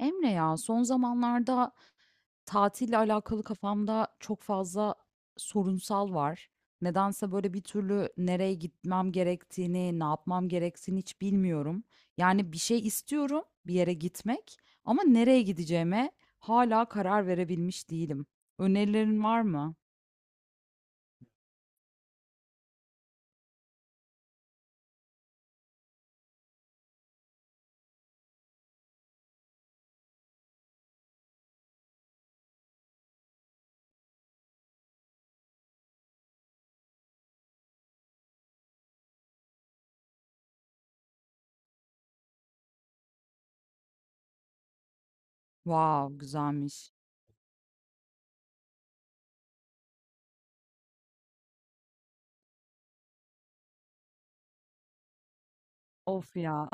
Emre ya son zamanlarda tatille alakalı kafamda çok fazla sorunsal var. Nedense böyle bir türlü nereye gitmem gerektiğini, ne yapmam gerektiğini hiç bilmiyorum. Yani bir şey istiyorum, bir yere gitmek ama nereye gideceğime hala karar verebilmiş değilim. Önerilerin var mı? Wow, güzelmiş. Of ya.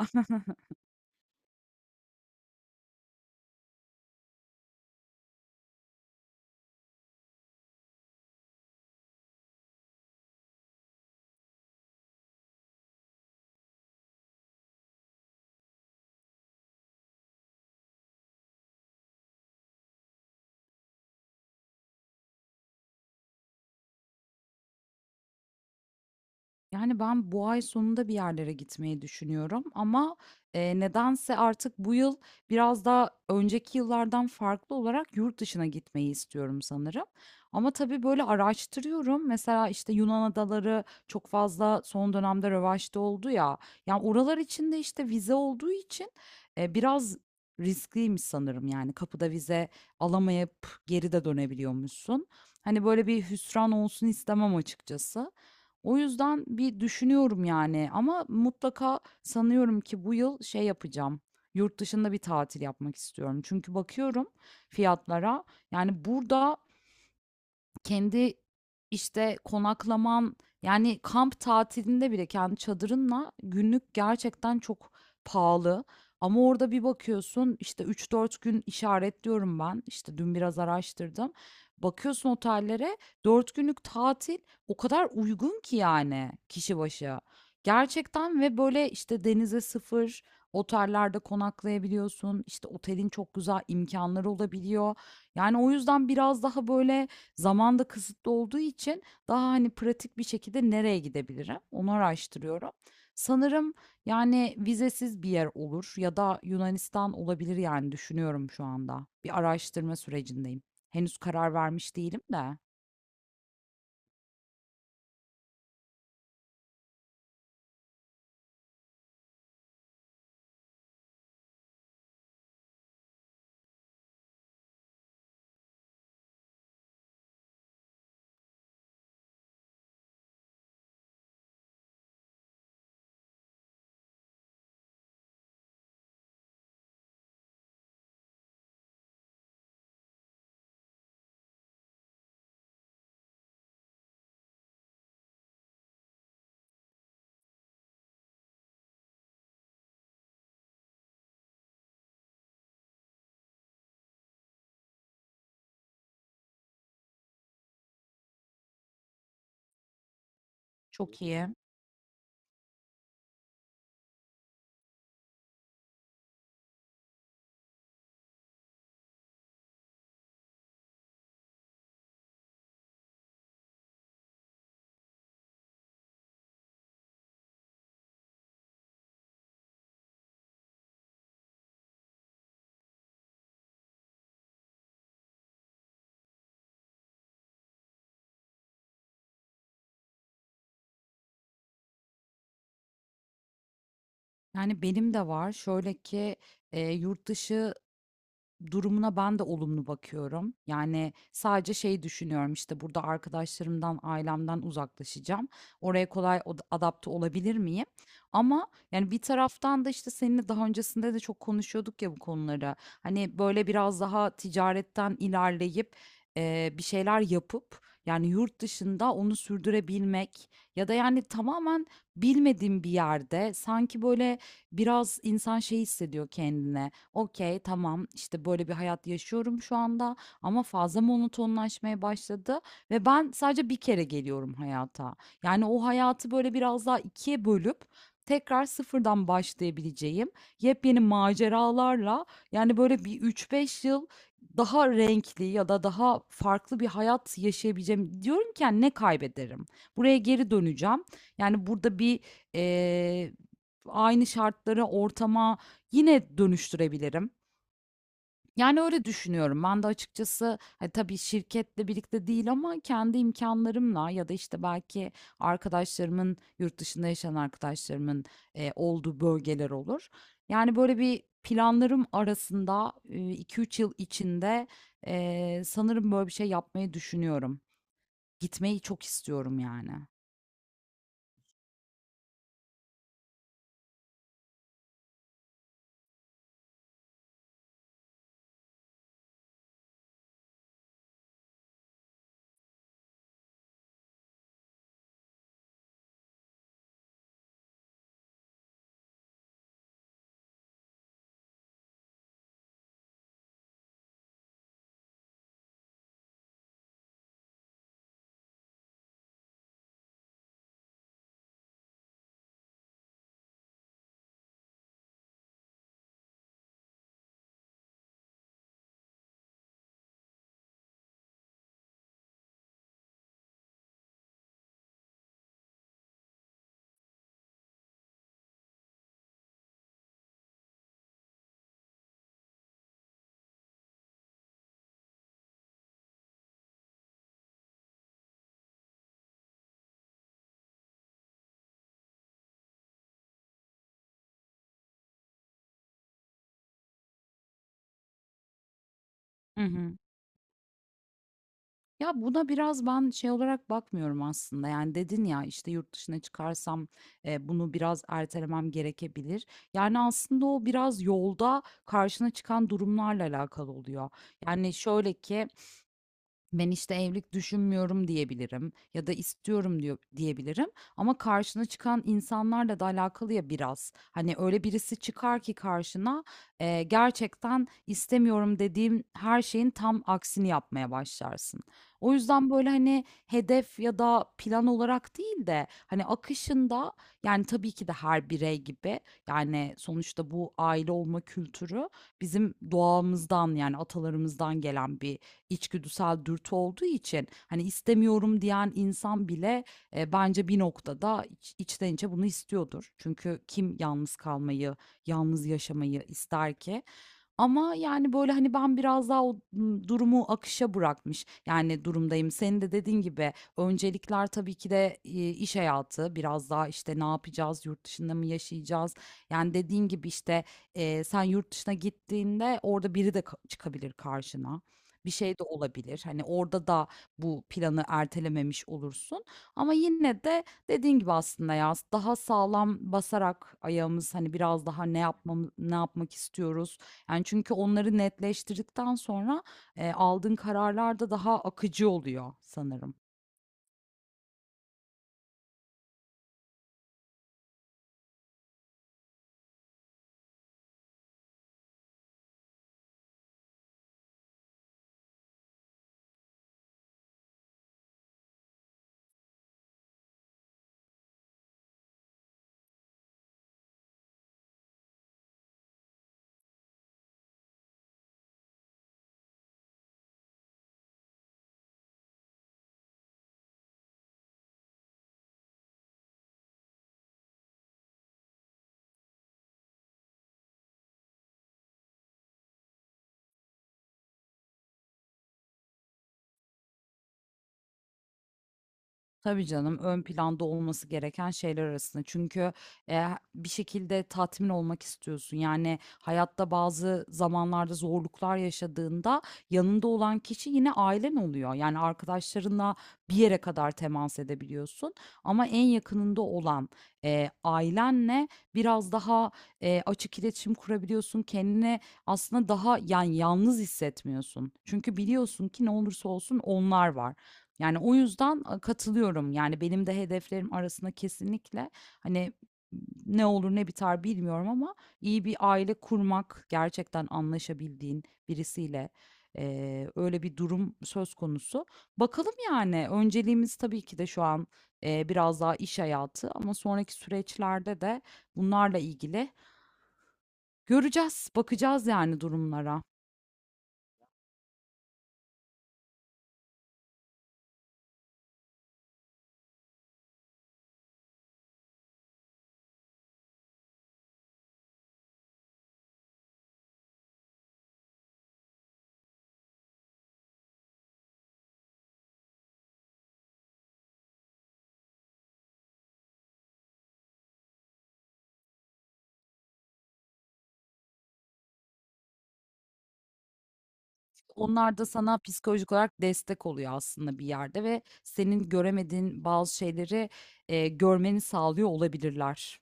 Yani ben bu ay sonunda bir yerlere gitmeyi düşünüyorum ama, nedense artık bu yıl biraz daha önceki yıllardan farklı olarak yurt dışına gitmeyi istiyorum sanırım. Ama tabii böyle araştırıyorum. Mesela, işte, Yunan adaları çok fazla son dönemde revaçta oldu ya. Yani oralar için de, işte, vize olduğu için, biraz riskliymiş sanırım. Yani kapıda vize alamayıp geri de dönebiliyormuşsun. Hani, böyle bir hüsran olsun istemem açıkçası. O yüzden bir düşünüyorum yani ama mutlaka sanıyorum ki bu yıl şey yapacağım. Yurt dışında bir tatil yapmak istiyorum. Çünkü bakıyorum fiyatlara. Yani burada kendi, işte, konaklaman, yani, kamp tatilinde bile kendi çadırınla günlük gerçekten çok pahalı ama orada bir bakıyorsun, işte, üç dört gün işaretliyorum ben, işte, dün biraz araştırdım. Bakıyorsun otellere, 4 günlük tatil o kadar uygun ki, yani, kişi başı. Gerçekten ve, böyle, işte, denize sıfır otellerde konaklayabiliyorsun, işte, otelin çok güzel imkanları olabiliyor. Yani, o yüzden biraz daha, böyle, zaman da kısıtlı olduğu için daha, hani, pratik bir şekilde nereye gidebilirim, onu araştırıyorum. Sanırım, yani, vizesiz bir yer olur ya da Yunanistan olabilir, yani, düşünüyorum şu anda. Bir araştırma sürecindeyim. Henüz karar vermiş değilim de. Çok iyi. Yani, benim de var. Şöyle ki, yurt dışı. Durumuna ben de olumlu bakıyorum. Yani sadece şey düşünüyorum, işte, burada arkadaşlarımdan, ailemden uzaklaşacağım. Oraya kolay adapte olabilir miyim? Ama, yani, bir taraftan da, işte, seninle daha öncesinde de çok konuşuyorduk ya bu konuları. Hani, böyle, biraz daha ticaretten ilerleyip, bir şeyler yapıp, yani, yurt dışında onu sürdürebilmek ya da, yani, tamamen bilmediğim bir yerde sanki, böyle, biraz insan şey hissediyor kendine. Okey, tamam, işte, böyle bir hayat yaşıyorum şu anda ama fazla monotonlaşmaya başladı ve ben sadece bir kere geliyorum hayata. Yani o hayatı böyle biraz daha ikiye bölüp tekrar sıfırdan başlayabileceğim yepyeni maceralarla, yani, böyle bir üç beş yıl daha renkli ya da daha farklı bir hayat yaşayabileceğim. Diyorum ki, hani, ne kaybederim? Buraya geri döneceğim. Yani, burada bir, eee, aynı şartlara, ortama yine dönüştürebilirim. Yani öyle düşünüyorum. Ben de açıkçası, hani, tabii şirketle birlikte değil ama kendi imkanlarımla ya da, işte, belki arkadaşlarımın, yurt dışında yaşayan arkadaşlarımın, olduğu bölgeler olur. Yani, böyle bir planlarım arasında, 2-3 yıl içinde, sanırım böyle bir şey yapmayı düşünüyorum. Gitmeyi çok istiyorum yani. Hı hı. Ya, buna biraz ben şey olarak bakmıyorum aslında, yani, dedin ya, işte, "Yurt dışına çıkarsam, bunu biraz ertelemem gerekebilir." Yani, aslında o biraz yolda karşına çıkan durumlarla alakalı oluyor. Yani, şöyle ki ben işte evlilik düşünmüyorum diyebilirim ya da istiyorum diyebilirim ama karşına çıkan insanlarla da alakalı ya biraz. Hani öyle birisi çıkar ki karşına gerçekten istemiyorum dediğim her şeyin tam aksini yapmaya başlarsın. O yüzden böyle hani hedef ya da plan olarak değil de hani akışında yani tabii ki de her birey gibi yani sonuçta bu aile olma kültürü bizim doğamızdan yani atalarımızdan gelen bir içgüdüsel dürtü olduğu için, hani, istemiyorum diyen insan bile, bence bir noktada içten içe bunu istiyordur. Çünkü kim yalnız kalmayı, yalnız yaşamayı ister ki? Ama, yani, böyle, hani, ben biraz daha o, durumu akışa bırakmış, yani, durumdayım. Senin de dediğin gibi öncelikler tabii ki de, iş hayatı, biraz daha, işte, ne yapacağız, yurt dışında mı yaşayacağız? Yani, dediğin gibi, işte, sen yurt dışına gittiğinde orada biri de çıkabilir karşına. Bir şey de olabilir. Hani, orada da bu planı ertelememiş olursun ama yine de dediğin gibi aslında ya, daha sağlam basarak ayağımız, hani, biraz daha ne ne yapmak istiyoruz? Yani çünkü onları netleştirdikten sonra, aldığın kararlar da daha akıcı oluyor sanırım. Tabii canım, ön planda olması gereken şeyler arasında. Çünkü, eee, bir şekilde tatmin olmak istiyorsun. Yani hayatta bazı zamanlarda zorluklar yaşadığında yanında olan kişi yine ailen oluyor. Yani arkadaşlarınla bir yere kadar temas edebiliyorsun ama en yakınında olan, ailenle biraz daha, açık iletişim kurabiliyorsun. Kendini aslında daha, yani, yalnız hissetmiyorsun. Çünkü biliyorsun ki ne olursa olsun onlar var. Yani, o yüzden, katılıyorum. Yani, benim de hedeflerim arasında kesinlikle, hani, ne olur ne biter bilmiyorum ama iyi bir aile kurmak, gerçekten anlaşabildiğin birisiyle, öyle bir durum söz konusu. Bakalım, yani, önceliğimiz tabii ki de şu an, biraz daha iş hayatı ama sonraki süreçlerde de bunlarla ilgili göreceğiz, bakacağız yani durumlara. Onlar da sana psikolojik olarak destek oluyor aslında bir yerde ve senin göremediğin bazı şeyleri, görmeni sağlıyor olabilirler.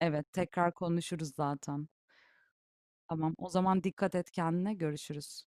Evet, tekrar konuşuruz zaten. Tamam, o zaman dikkat et kendine, görüşürüz.